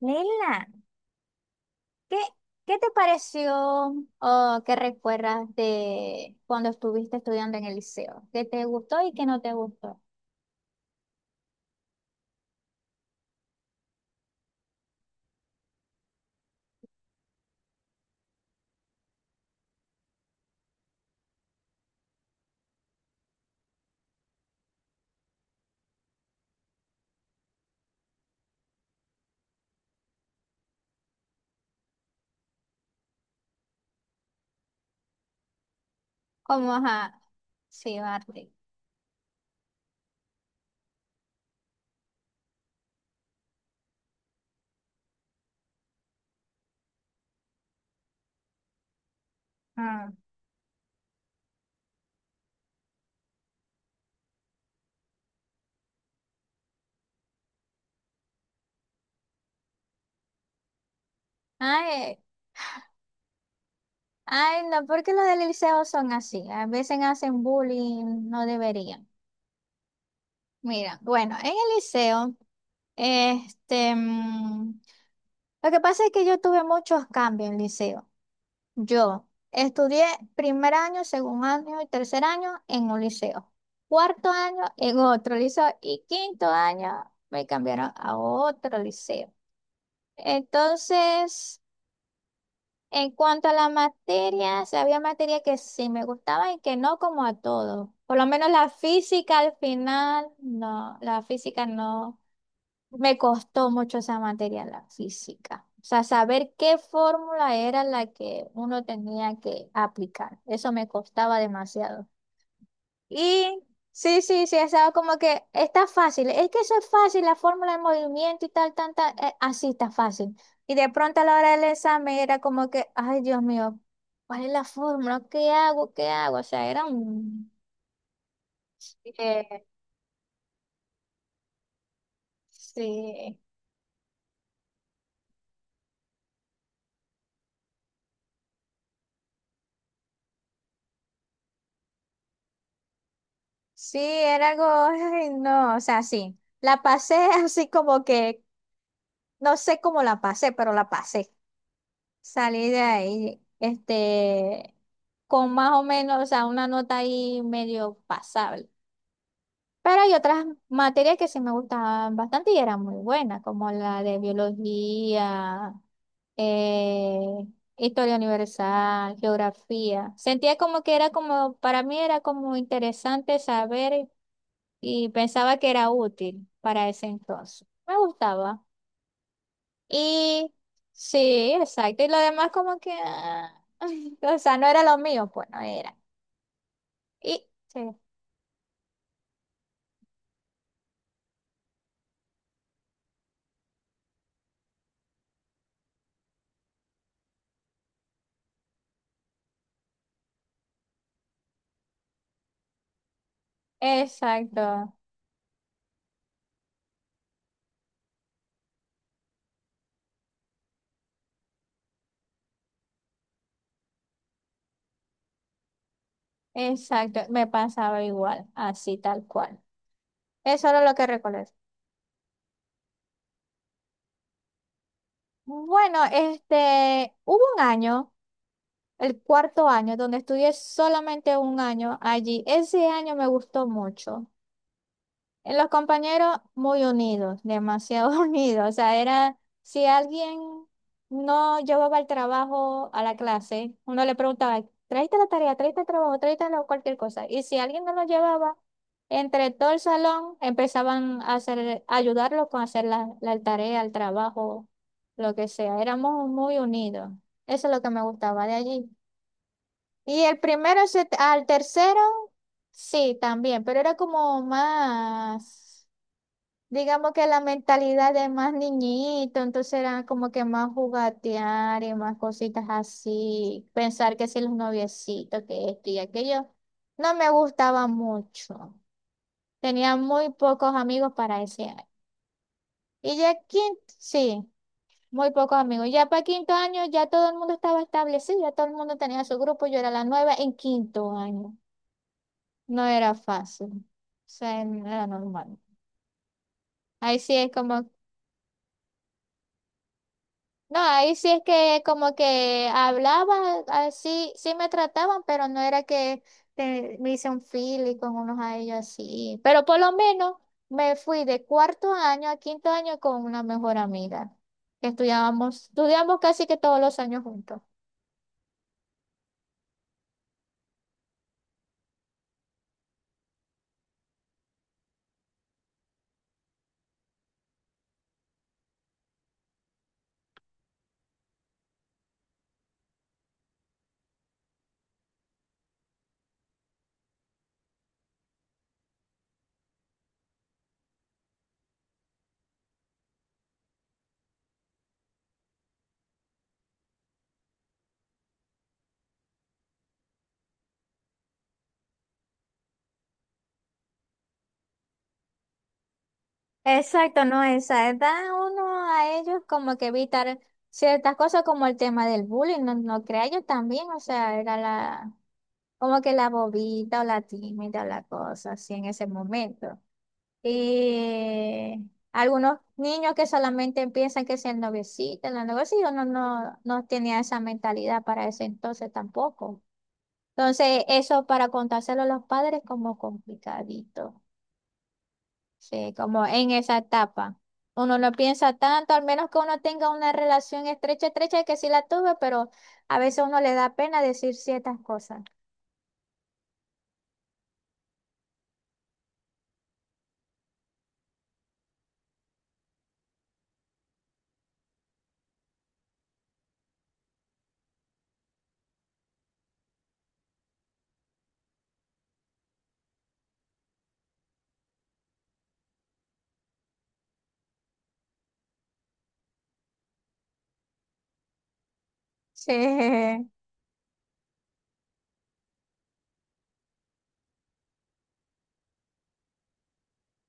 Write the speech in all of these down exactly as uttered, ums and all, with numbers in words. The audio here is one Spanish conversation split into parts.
Leila, ¿qué, ¿qué te pareció o qué recuerdas de cuando estuviste estudiando en el liceo? ¿Qué te gustó y qué no te gustó? ¿Como ajá? Sí, arte. Ah, ay, ay, no, porque los del liceo son así. A veces hacen bullying, no deberían. Mira, bueno, en el liceo, este, mm, lo que pasa es que yo tuve muchos cambios en el liceo. Yo estudié primer año, segundo año y tercer año en un liceo. Cuarto año en otro liceo y quinto año me cambiaron a otro liceo. Entonces, en cuanto a la materia, sí había materia que sí me gustaba y que no, como a todos. Por lo menos la física, al final no, la física no. Me costó mucho esa materia, la física. O sea, saber qué fórmula era la que uno tenía que aplicar. Eso me costaba demasiado. Y sí, sí, sí, estaba como que está fácil. Es que eso es fácil, la fórmula de movimiento y tal, tal, tal. Eh, así está fácil. Y de pronto a la hora del examen era como que, ay, Dios mío, ¿cuál es la fórmula? ¿Qué hago? ¿Qué hago? O sea, era un... eh, sí. Sí, era algo, ay, no, o sea, sí, la pasé así como que, no sé cómo la pasé, pero la pasé. Salí de ahí, este, con más o menos, o sea, una nota ahí medio pasable. Pero hay otras materias que sí me gustaban bastante y eran muy buenas, como la de biología, eh, historia universal, geografía. Sentía como que era como, para mí era como interesante saber. Y pensaba que era útil para ese entonces. Me gustaba. Y sí, exacto. Y lo demás como que, ah, o sea, no era lo mío, pues no era. Y sí, exacto, exacto. Me pasaba igual, así tal cual. Eso era lo que recuerdo. Bueno, este, hubo un año, el cuarto año, donde estudié solamente un año allí. Ese año me gustó mucho. En los compañeros muy unidos, demasiado unidos. O sea, era si alguien no llevaba el trabajo a la clase, uno le preguntaba, tráete la tarea, tráete el trabajo, tráete la- cualquier cosa. Y si alguien no lo llevaba, entre todo el salón empezaban a hacer, a ayudarlo con hacer la, la tarea, el trabajo, lo que sea. Éramos muy unidos. Eso es lo que me gustaba de allí. Y el primero se- al tercero, sí, también, pero era como más. Digamos que la mentalidad de más niñito, entonces era como que más jugatear y más cositas así, pensar que si los noviecitos, que esto y aquello, no me gustaba mucho. Tenía muy pocos amigos para ese año. Y ya quinto, sí, muy pocos amigos. Ya para quinto año ya todo el mundo estaba establecido, ya todo el mundo tenía su grupo, yo era la nueva en quinto año. No era fácil, o sea, no era normal. Ahí sí es como no, ahí sí es que como que hablaba, así sí sí me trataban, pero no era que te- me hice un y con unos a ellos así. Pero por lo menos me fui de cuarto año a quinto año con una mejor amiga. Que Estudiábamos, estudiamos casi que todos los años juntos. Exacto, no, esa edad. Uno a ellos como que evitar ciertas cosas como el tema del bullying, no, no crea yo también, o sea, era la como que la bobita o la tímida o la cosa así en ese momento. Y algunos niños que solamente piensan que es el noviecito, el noviecito, no, no, no tenía esa mentalidad para ese entonces tampoco. Entonces, eso para contárselo a los padres como complicadito, sí, como en esa etapa. Uno no piensa tanto, al menos que uno tenga una relación estrecha, estrecha, que sí la tuve, pero a veces uno le da pena decir ciertas cosas. Sí,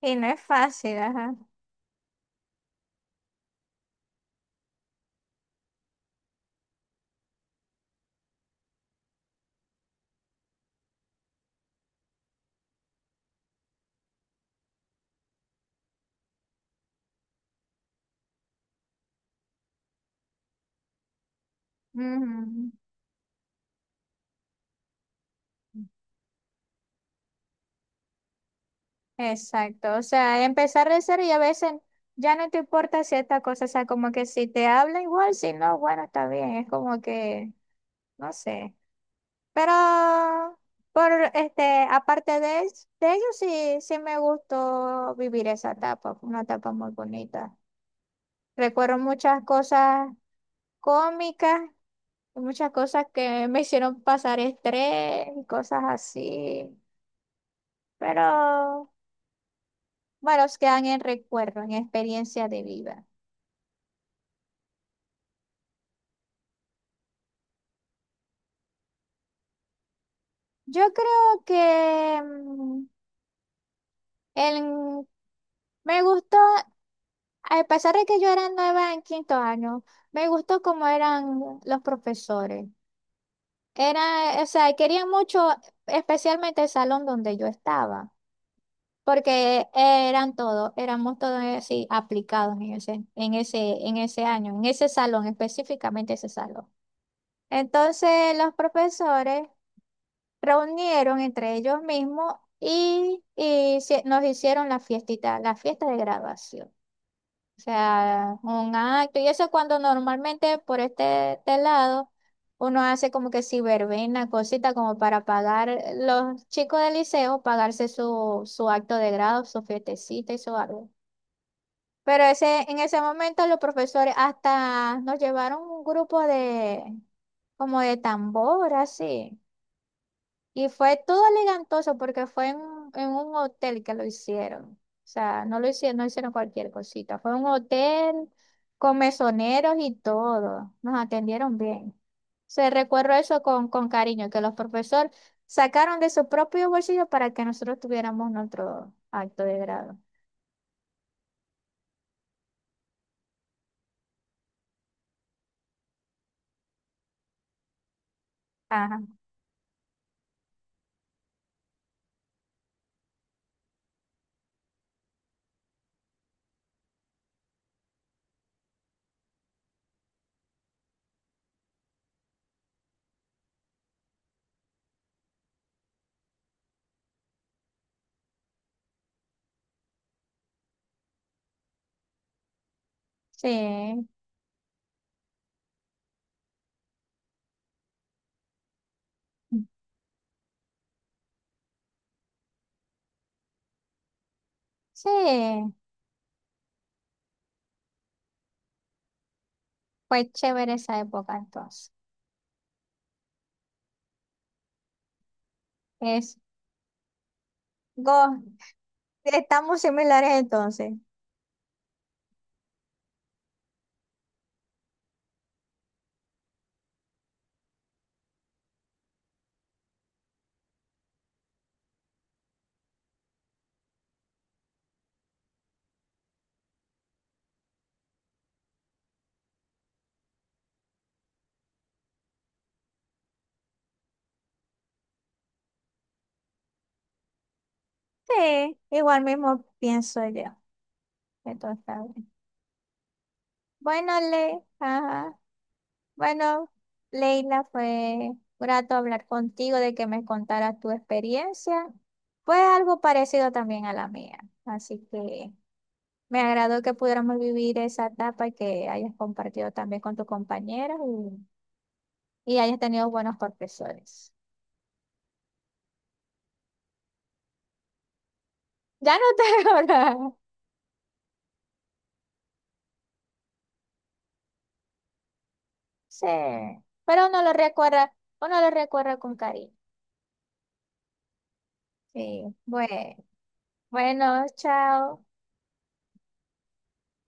y no es fácil, ajá. Ujú. Exacto, o sea, empezar de cero y a veces ya no te importa cierta cosa, o sea, como que si te habla igual, si no, bueno, está bien, es como que, no sé, pero por este, aparte de, es- de ello, sí, sí me gustó vivir esa etapa, fue una etapa muy bonita. Recuerdo muchas cosas cómicas, y muchas cosas que me hicieron pasar estrés y cosas así, pero bueno, quedan en recuerdo, en experiencia de vida. Yo creo que mm, el- me gustó, a pesar de que yo era nueva en quinto año, me gustó cómo eran los profesores. Era, o sea, querían mucho, especialmente el salón donde yo estaba, porque eran todos, éramos todos así aplicados en ese, en ese, en ese año, en ese salón, específicamente ese salón. Entonces, los profesores reunieron entre ellos mismos y, y se- nos hicieron la fiestita, la fiesta de graduación. O sea, un acto. Y eso es cuando normalmente por este, este lado uno hace como que si verbena, cosita como para pagar eh, los chicos del liceo, pagarse su, su acto de grado, su fiestecita y su algo. Pero ese, en ese momento los profesores hasta nos llevaron un grupo de como de tambor, así. Y fue todo elegantoso porque fue en, en un hotel que lo hicieron. O sea, no lo hicieron, no hicieron cualquier cosita. Fue un hotel con mesoneros y todo. Nos atendieron bien. Se recuerdo eso con, con cariño, que los profesores sacaron de su propio bolsillo para que nosotros tuviéramos nuestro acto de grado. Ajá. Sí, sí, fue chévere esa época entonces. Es, go, estamos similares entonces. Sí, igual mismo pienso yo. Que todo está bien. Bueno, Le, ajá. Bueno, Leila, fue grato hablar contigo de que me contaras tu experiencia. Fue algo parecido también a la mía. Así que me agradó que pudiéramos vivir esa etapa y que hayas compartido también con tus compañeros y, y hayas tenido buenos profesores. Ya no te ahora. Sí, pero uno lo recuerda, uno lo recuerda con cariño. Sí, bueno. Bueno, chao.